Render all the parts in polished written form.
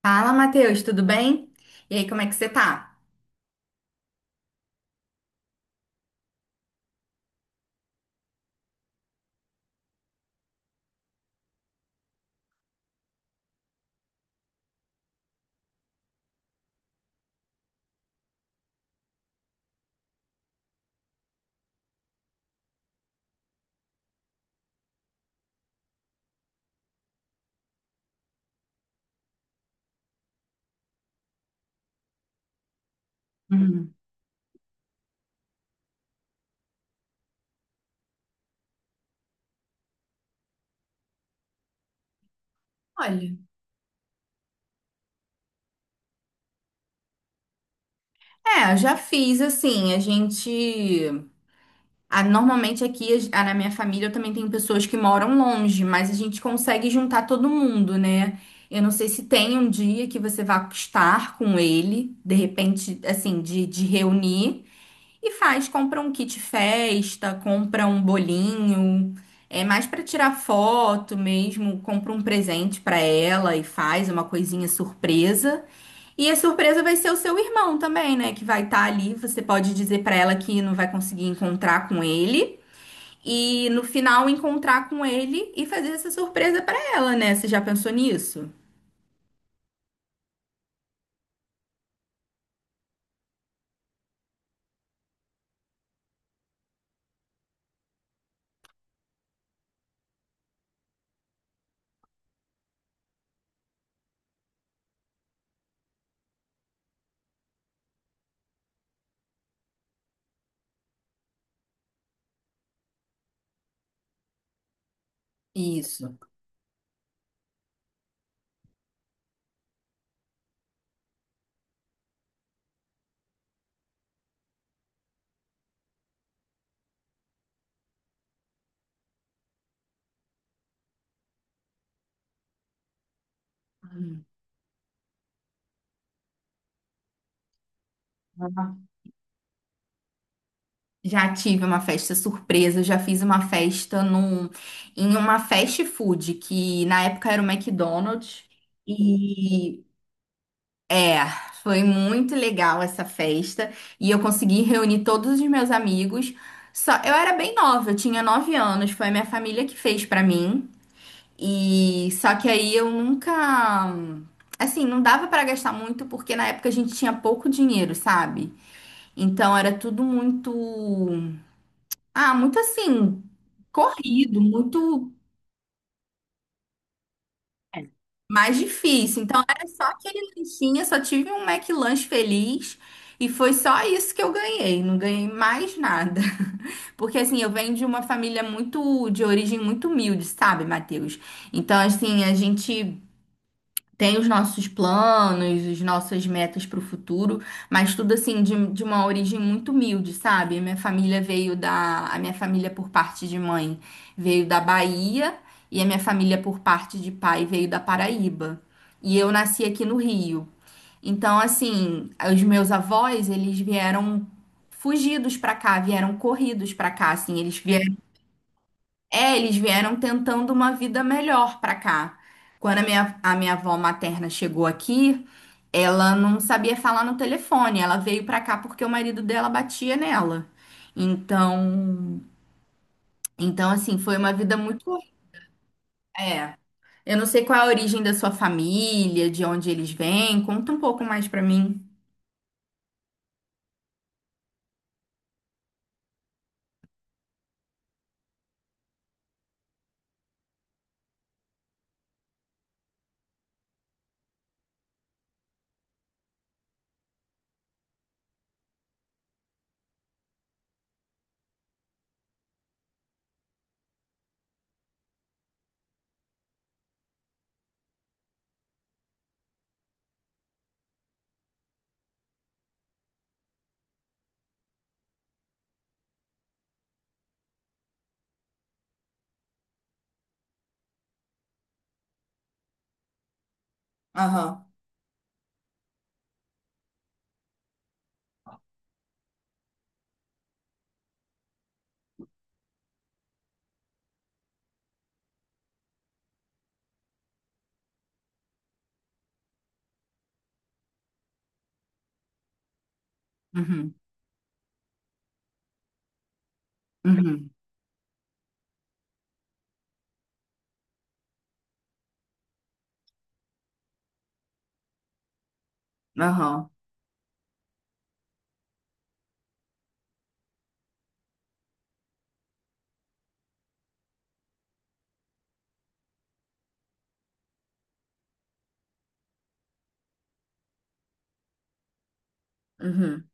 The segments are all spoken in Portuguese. Fala, Matheus, tudo bem? E aí, como é que você tá? Uhum. Olha, é, eu já fiz assim, a gente. Ah, normalmente aqui na minha família eu também tenho pessoas que moram longe, mas a gente consegue juntar todo mundo, né? Eu não sei se tem. E faz, compra um kit festa, compra um bolinho, é mais pra tirar foto mesmo, compra um presente pra ela e faz uma coisinha surpresa. E a surpresa vai ser o seu irmão também, né, que vai estar ali. Você pode dizer pra ela que não vai conseguir encontrar com ele e no final encontrar com ele e fazer essa surpresa pra ela, né? Você já pensou nisso? Isso. Hum. Já tive uma festa surpresa, já fiz uma festa num, em uma fast food, que na época era o McDonald's. E é, foi muito legal essa festa. E eu consegui reunir todos os meus amigos. Só, eu era bem nova, eu tinha 9 anos, foi a minha família que fez pra mim. E só que aí eu nunca. Assim, não dava pra gastar muito porque na época a gente tinha pouco dinheiro, sabe? Então era tudo muito. Ah, muito assim, corrido, muito mais difícil. Então era só aquele lanchinho, só tive um McLanche feliz e foi só isso que eu ganhei, não ganhei mais nada. Porque assim, eu venho de uma família muito de origem muito humilde, sabe, Matheus? Então assim, a gente tem os nossos planos, as nossas metas para o futuro, mas tudo assim de uma origem muito humilde, sabe? Minha família veio da, a minha família por parte de mãe veio da Bahia e a minha família por parte de pai veio da Paraíba. E eu nasci aqui no Rio. Então, assim, os meus avós, eles vieram fugidos para cá, vieram corridos para cá, assim, eles vieram tentando uma vida melhor pra cá. Quando a minha avó materna chegou aqui, ela não sabia falar no telefone. Ela veio pra cá porque o marido dela batia nela. Então, então assim, foi uma vida muito. É. Eu não sei qual é a origem da sua família, de onde eles vêm. Conta um pouco mais pra mim. Aham. Uhum, uhum, aham, uhum,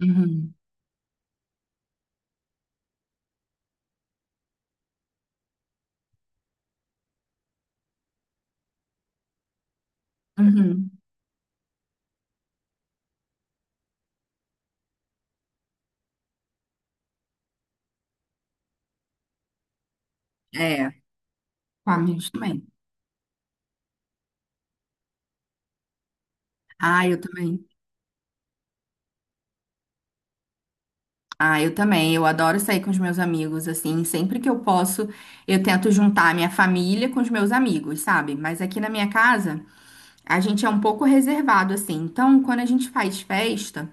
uhum, uhum. É, família também. Ah, eu também. Ah, eu também. Eu adoro sair com os meus amigos, assim. Sempre que eu posso, eu tento juntar a minha família com os meus amigos, sabe? Mas aqui na minha casa, a gente é um pouco reservado, assim. Então, quando a gente faz festa,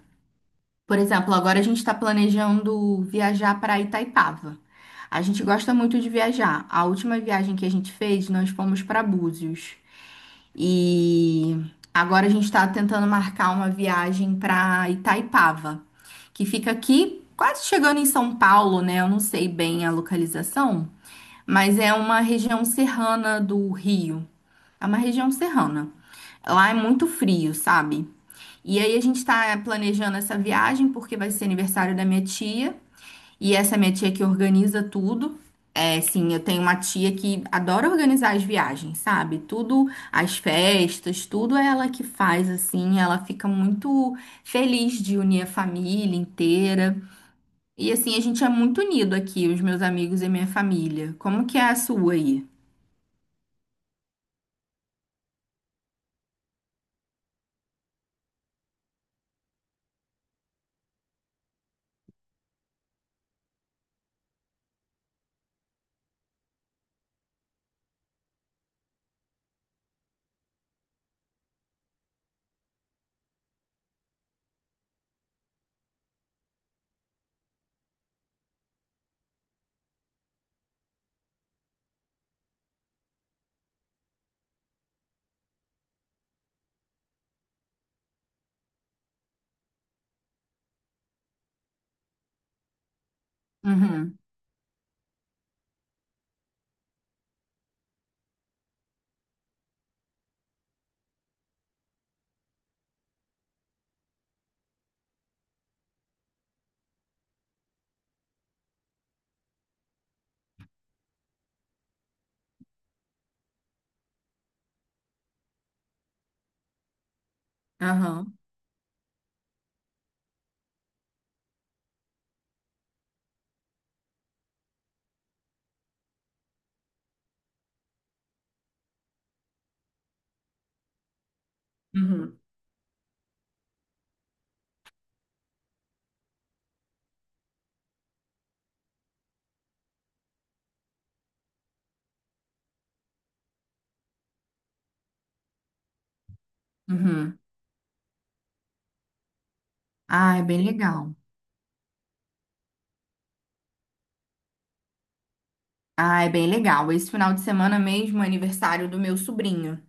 por exemplo, agora a gente está planejando viajar para Itaipava. A gente gosta muito de viajar. A última viagem que a gente fez, nós fomos para Búzios. E agora a gente está tentando marcar uma viagem para Itaipava, que fica aqui quase chegando em São Paulo, né? Eu não sei bem a localização, mas é uma região serrana do Rio. É uma região serrana. Lá é muito frio, sabe? E aí a gente está planejando essa viagem porque vai ser aniversário da minha tia. E essa minha tia que organiza tudo. É, sim, eu tenho uma tia que adora organizar as viagens, sabe? Tudo, as festas, tudo é ela que faz, assim. Ela fica muito feliz de unir a família inteira. E, assim, a gente é muito unido aqui, os meus amigos e minha família. Como que é a sua aí? Uhum, aham, uhum, uhum. Ah, é bem legal. Ah, é bem legal. Esse final de semana mesmo é aniversário do meu sobrinho.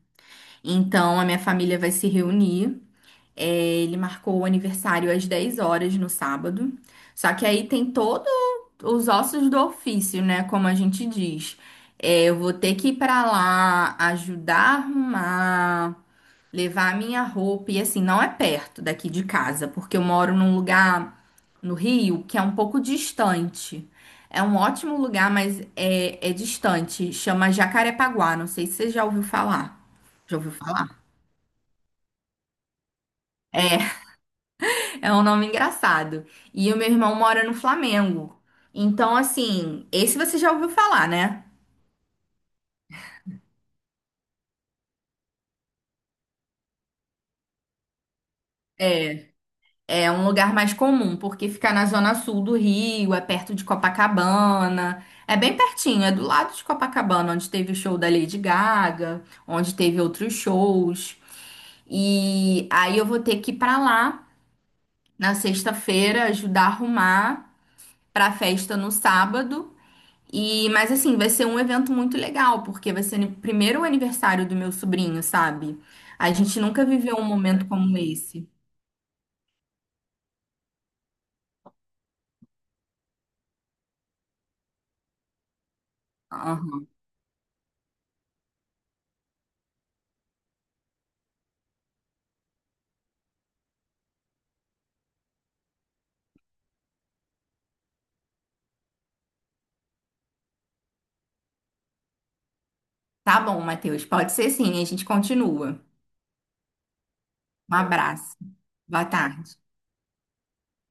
Então, a minha família vai se reunir. É, ele marcou o aniversário às 10 horas no sábado. Só que aí tem todos os ossos do ofício, né? Como a gente diz. É, eu vou ter que ir pra lá, ajudar a arrumar, levar a minha roupa. E assim, não é perto daqui de casa, porque eu moro num lugar no Rio que é um pouco distante. É um ótimo lugar, mas é distante. Chama Jacarepaguá. Não sei se você já ouviu falar. Já ouviu falar? É, é um nome engraçado. E o meu irmão mora no Flamengo. Então, assim, esse você já ouviu falar, né? É. É um lugar mais comum, porque fica na zona sul do Rio, é perto de Copacabana. É bem pertinho, é do lado de Copacabana, onde teve o show da Lady Gaga, onde teve outros shows. E aí eu vou ter que ir pra lá na sexta-feira, ajudar a arrumar pra festa no sábado. E, mas assim, vai ser um evento muito legal, porque vai ser o primeiro aniversário do meu sobrinho, sabe? A gente nunca viveu um momento como esse. Aham. Tá bom, Matheus, pode ser sim, a gente continua. Um abraço. Boa tarde.